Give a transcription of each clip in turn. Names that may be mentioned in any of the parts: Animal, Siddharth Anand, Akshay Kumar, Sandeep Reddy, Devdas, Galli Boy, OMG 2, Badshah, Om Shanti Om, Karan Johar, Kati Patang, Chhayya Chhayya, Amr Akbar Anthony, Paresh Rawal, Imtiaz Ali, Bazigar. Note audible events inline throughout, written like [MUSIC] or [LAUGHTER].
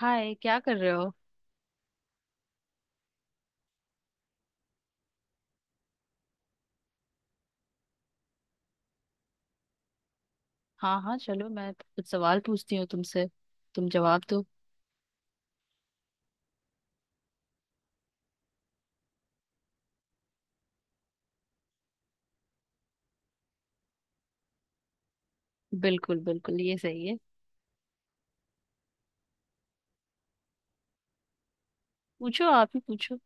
हाय क्या कर रहे हो। हाँ हाँ चलो मैं कुछ सवाल पूछती हूँ तुमसे। तुम जवाब दो। बिल्कुल बिल्कुल ये सही है। पूछो आप ही पूछो।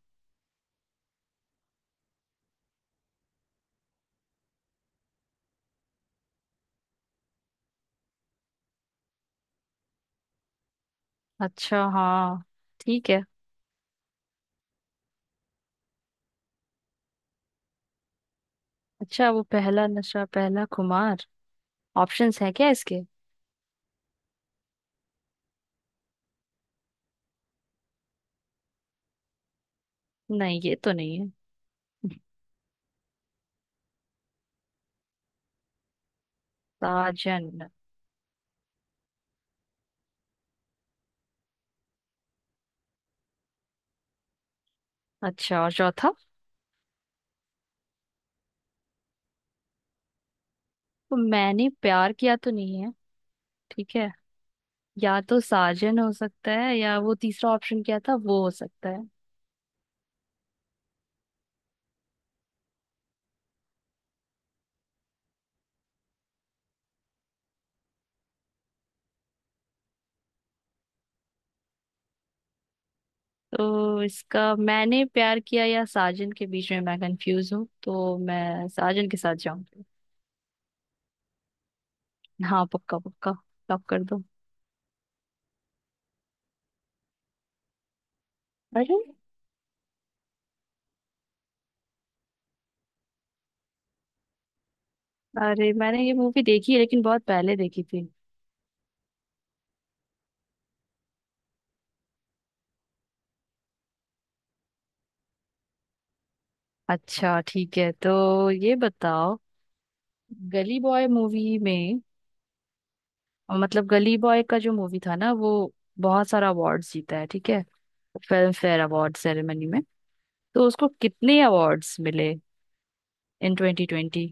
अच्छा हाँ। ठीक है। अच्छा वो पहला नशा पहला खुमार। ऑप्शंस है क्या इसके। नहीं ये तो नहीं है। साजन। अच्छा और चौथा। वो मैंने प्यार किया तो नहीं है। ठीक है। या तो साजन हो सकता है या वो तीसरा ऑप्शन क्या था वो हो सकता है। तो इसका मैंने प्यार किया या साजन के बीच में मैं कंफ्यूज हूँ तो मैं साजन के साथ जाऊंगी। हाँ पक्का पक्का। लॉक कर दो। अरे। अरे मैंने ये मूवी देखी है लेकिन बहुत पहले देखी थी। अच्छा ठीक है तो ये बताओ। गली बॉय मूवी में। मतलब गली बॉय का जो मूवी था ना वो बहुत सारा अवार्ड्स जीता है। ठीक है। फिल्म फेयर अवार्ड सेरेमनी में तो उसको कितने अवार्ड्स मिले इन 2020।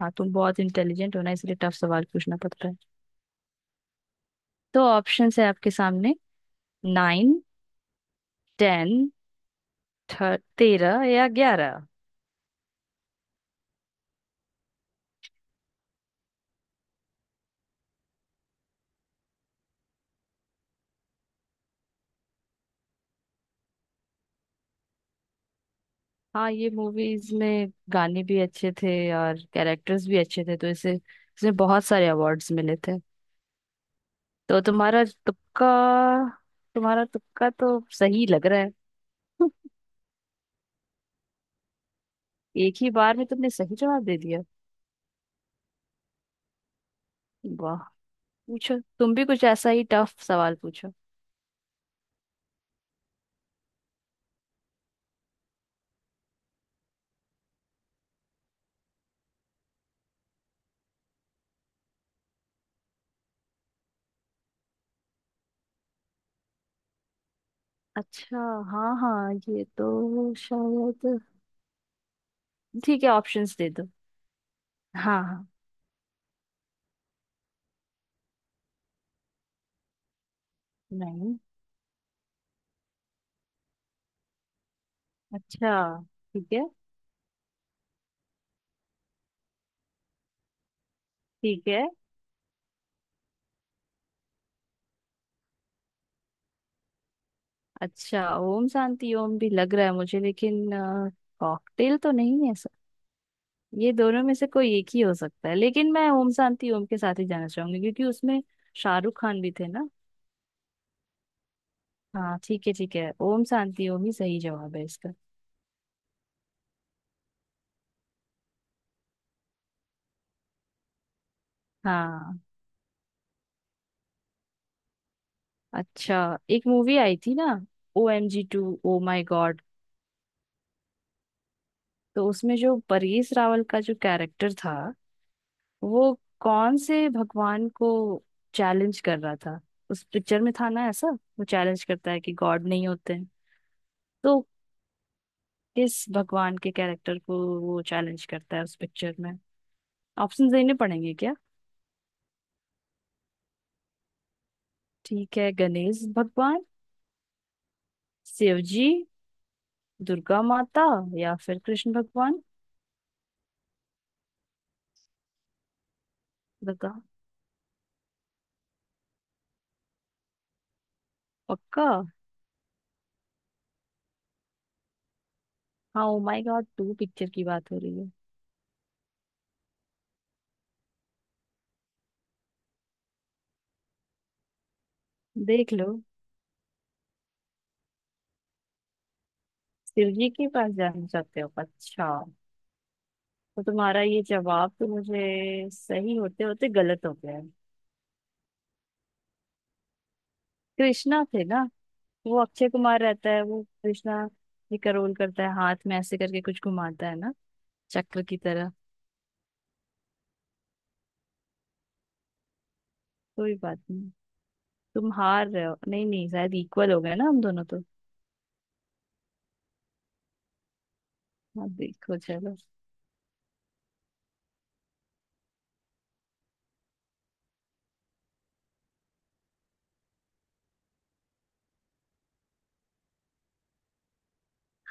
हाँ तुम बहुत इंटेलिजेंट हो ना इसलिए टफ सवाल पूछना पड़ता है। तो ऑप्शंस है आपके सामने। 9। 10। 13 या 11। हाँ ये मूवीज में गाने भी अच्छे थे और कैरेक्टर्स भी अच्छे थे तो इसे इसने बहुत सारे अवार्ड्स मिले थे। तो तुम्हारा तुक्का। तुम्हारा तुक्का तो सही लग रहा है। [LAUGHS] एक ही बार में तुमने सही जवाब दे दिया। वाह। पूछो तुम भी कुछ ऐसा ही टफ सवाल पूछो। अच्छा। हाँ हाँ ये तो शायद। ठीक है ऑप्शंस दे दो। हाँ हाँ। नाइन। अच्छा। ठीक है। ठीक है। अच्छा ओम शांति ओम भी लग रहा है मुझे लेकिन कॉकटेल तो नहीं है सर। ये दोनों में से कोई एक ही हो सकता है लेकिन मैं ओम शांति ओम के साथ ही जाना चाहूंगी क्योंकि उसमें शाहरुख खान भी थे ना। हाँ ठीक है ओम शांति ओम ही सही जवाब है इसका। हाँ। अच्छा एक मूवी आई थी ना। OMG 2 O my God. तो उसमें जो परेश रावल का जो कैरेक्टर था वो कौन से भगवान को चैलेंज कर रहा था। उस पिक्चर में था ना ऐसा। वो चैलेंज करता है कि गॉड नहीं होते हैं। तो किस भगवान के कैरेक्टर को वो चैलेंज करता है उस पिक्चर में। ऑप्शन देने पड़ेंगे क्या। ठीक है। गणेश भगवान। शिव जी। दुर्गा माता। या फिर कृष्ण भगवान। बता। पक्का। हाँ ओ माय गॉड 2 पिक्चर की बात हो रही है। देख लो। शिव जी के पास जाना चाहते हो अच्छा। तो तुम्हारा ये जवाब तो मुझे सही होते होते गलत हो गया है। कृष्णा थे ना। वो अक्षय कुमार रहता है वो कृष्णा। ये करोल करता है हाथ में ऐसे करके कुछ घुमाता है ना। चक्र की तरह। कोई बात नहीं। तुम हार रहे हो नहीं नहीं शायद इक्वल हो गए ना हम दोनों तो। हाँ देखो चलो।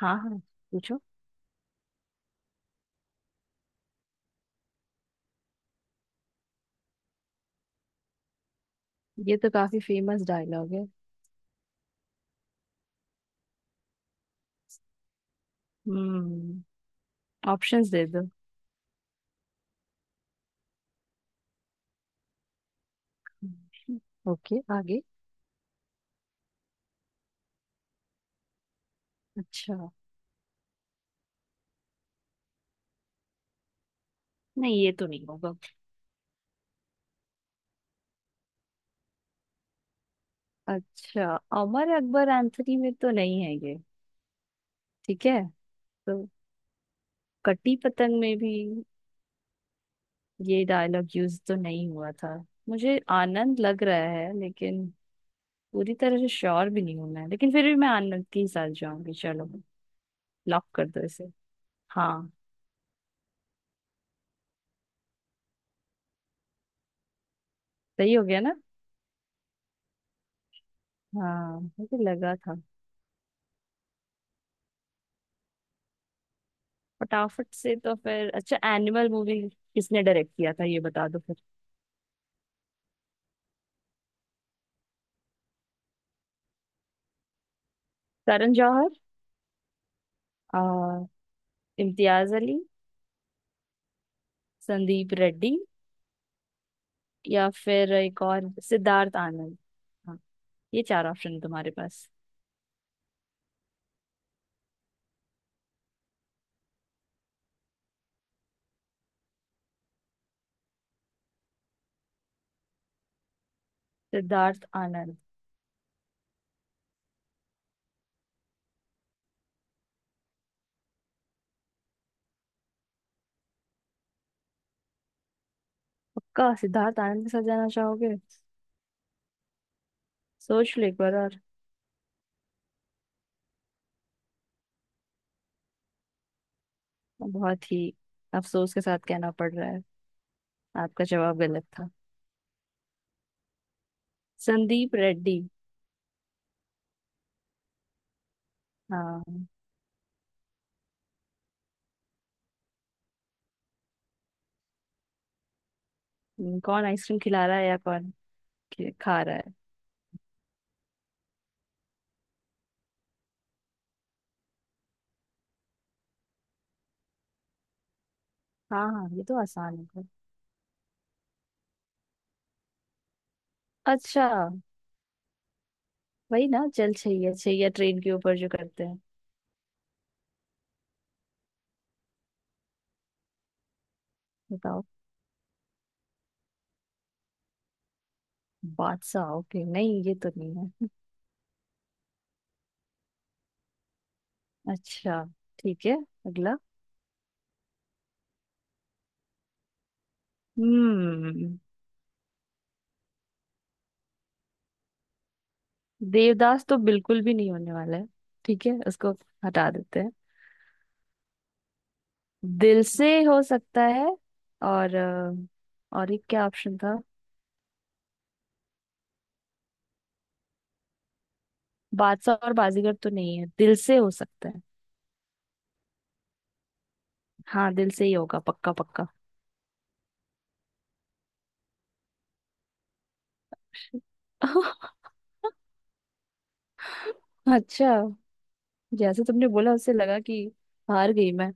हाँ हाँ पूछो। ये तो काफी फेमस डायलॉग है। हम्म। ऑप्शंस दे दो। ओके आगे। अच्छा। नहीं ये तो नहीं होगा। अच्छा। अमर अकबर एंथनी में तो नहीं है ये। ठीक है। तो कटी पतंग में भी ये डायलॉग यूज तो नहीं हुआ था। मुझे आनंद लग रहा है लेकिन पूरी तरह से श्योर भी नहीं हूं मैं लेकिन फिर भी मैं आनंद के ही साथ जाऊंगी चलो। लॉक कर दो इसे। हाँ। सही हो गया ना। हाँ मुझे लगा था। फटाफट से तो फिर अच्छा एनिमल मूवी किसने डायरेक्ट किया था ये बता दो फिर। करण जौहर। आ, इम्तियाज अली। संदीप रेड्डी। या फिर एक और सिद्धार्थ आनंद। हाँ, ये चार ऑप्शन तुम्हारे पास। सिद्धार्थ आनंद। पक्का सिद्धार्थ आनंद के साथ जाना चाहोगे। सोच लो एक बार और। बहुत ही अफसोस के साथ कहना पड़ रहा है आपका जवाब गलत था। संदीप रेड्डी। हाँ। कौन आइसक्रीम खिला रहा है या कौन खा रहा है। हाँ हाँ ये तो आसान होगा। अच्छा। वही ना चल छैया छैया ट्रेन के ऊपर जो करते हैं। बताओ। बादशाह ओके नहीं ये तो नहीं है। अच्छा। ठीक है। अगला। हम्म। देवदास तो बिल्कुल भी नहीं होने वाला है। ठीक है उसको हटा देते हैं। दिल से हो सकता है और और एक क्या ऑप्शन था। बादशाह और बाजीगर तो नहीं है दिल से हो सकता है। हाँ दिल से ही होगा पक्का पक्का। [LAUGHS] अच्छा। जैसे तुमने बोला उससे लगा कि हार गई मैं।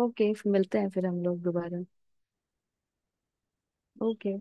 ओके मिलते हैं फिर हम लोग दोबारा। ओके।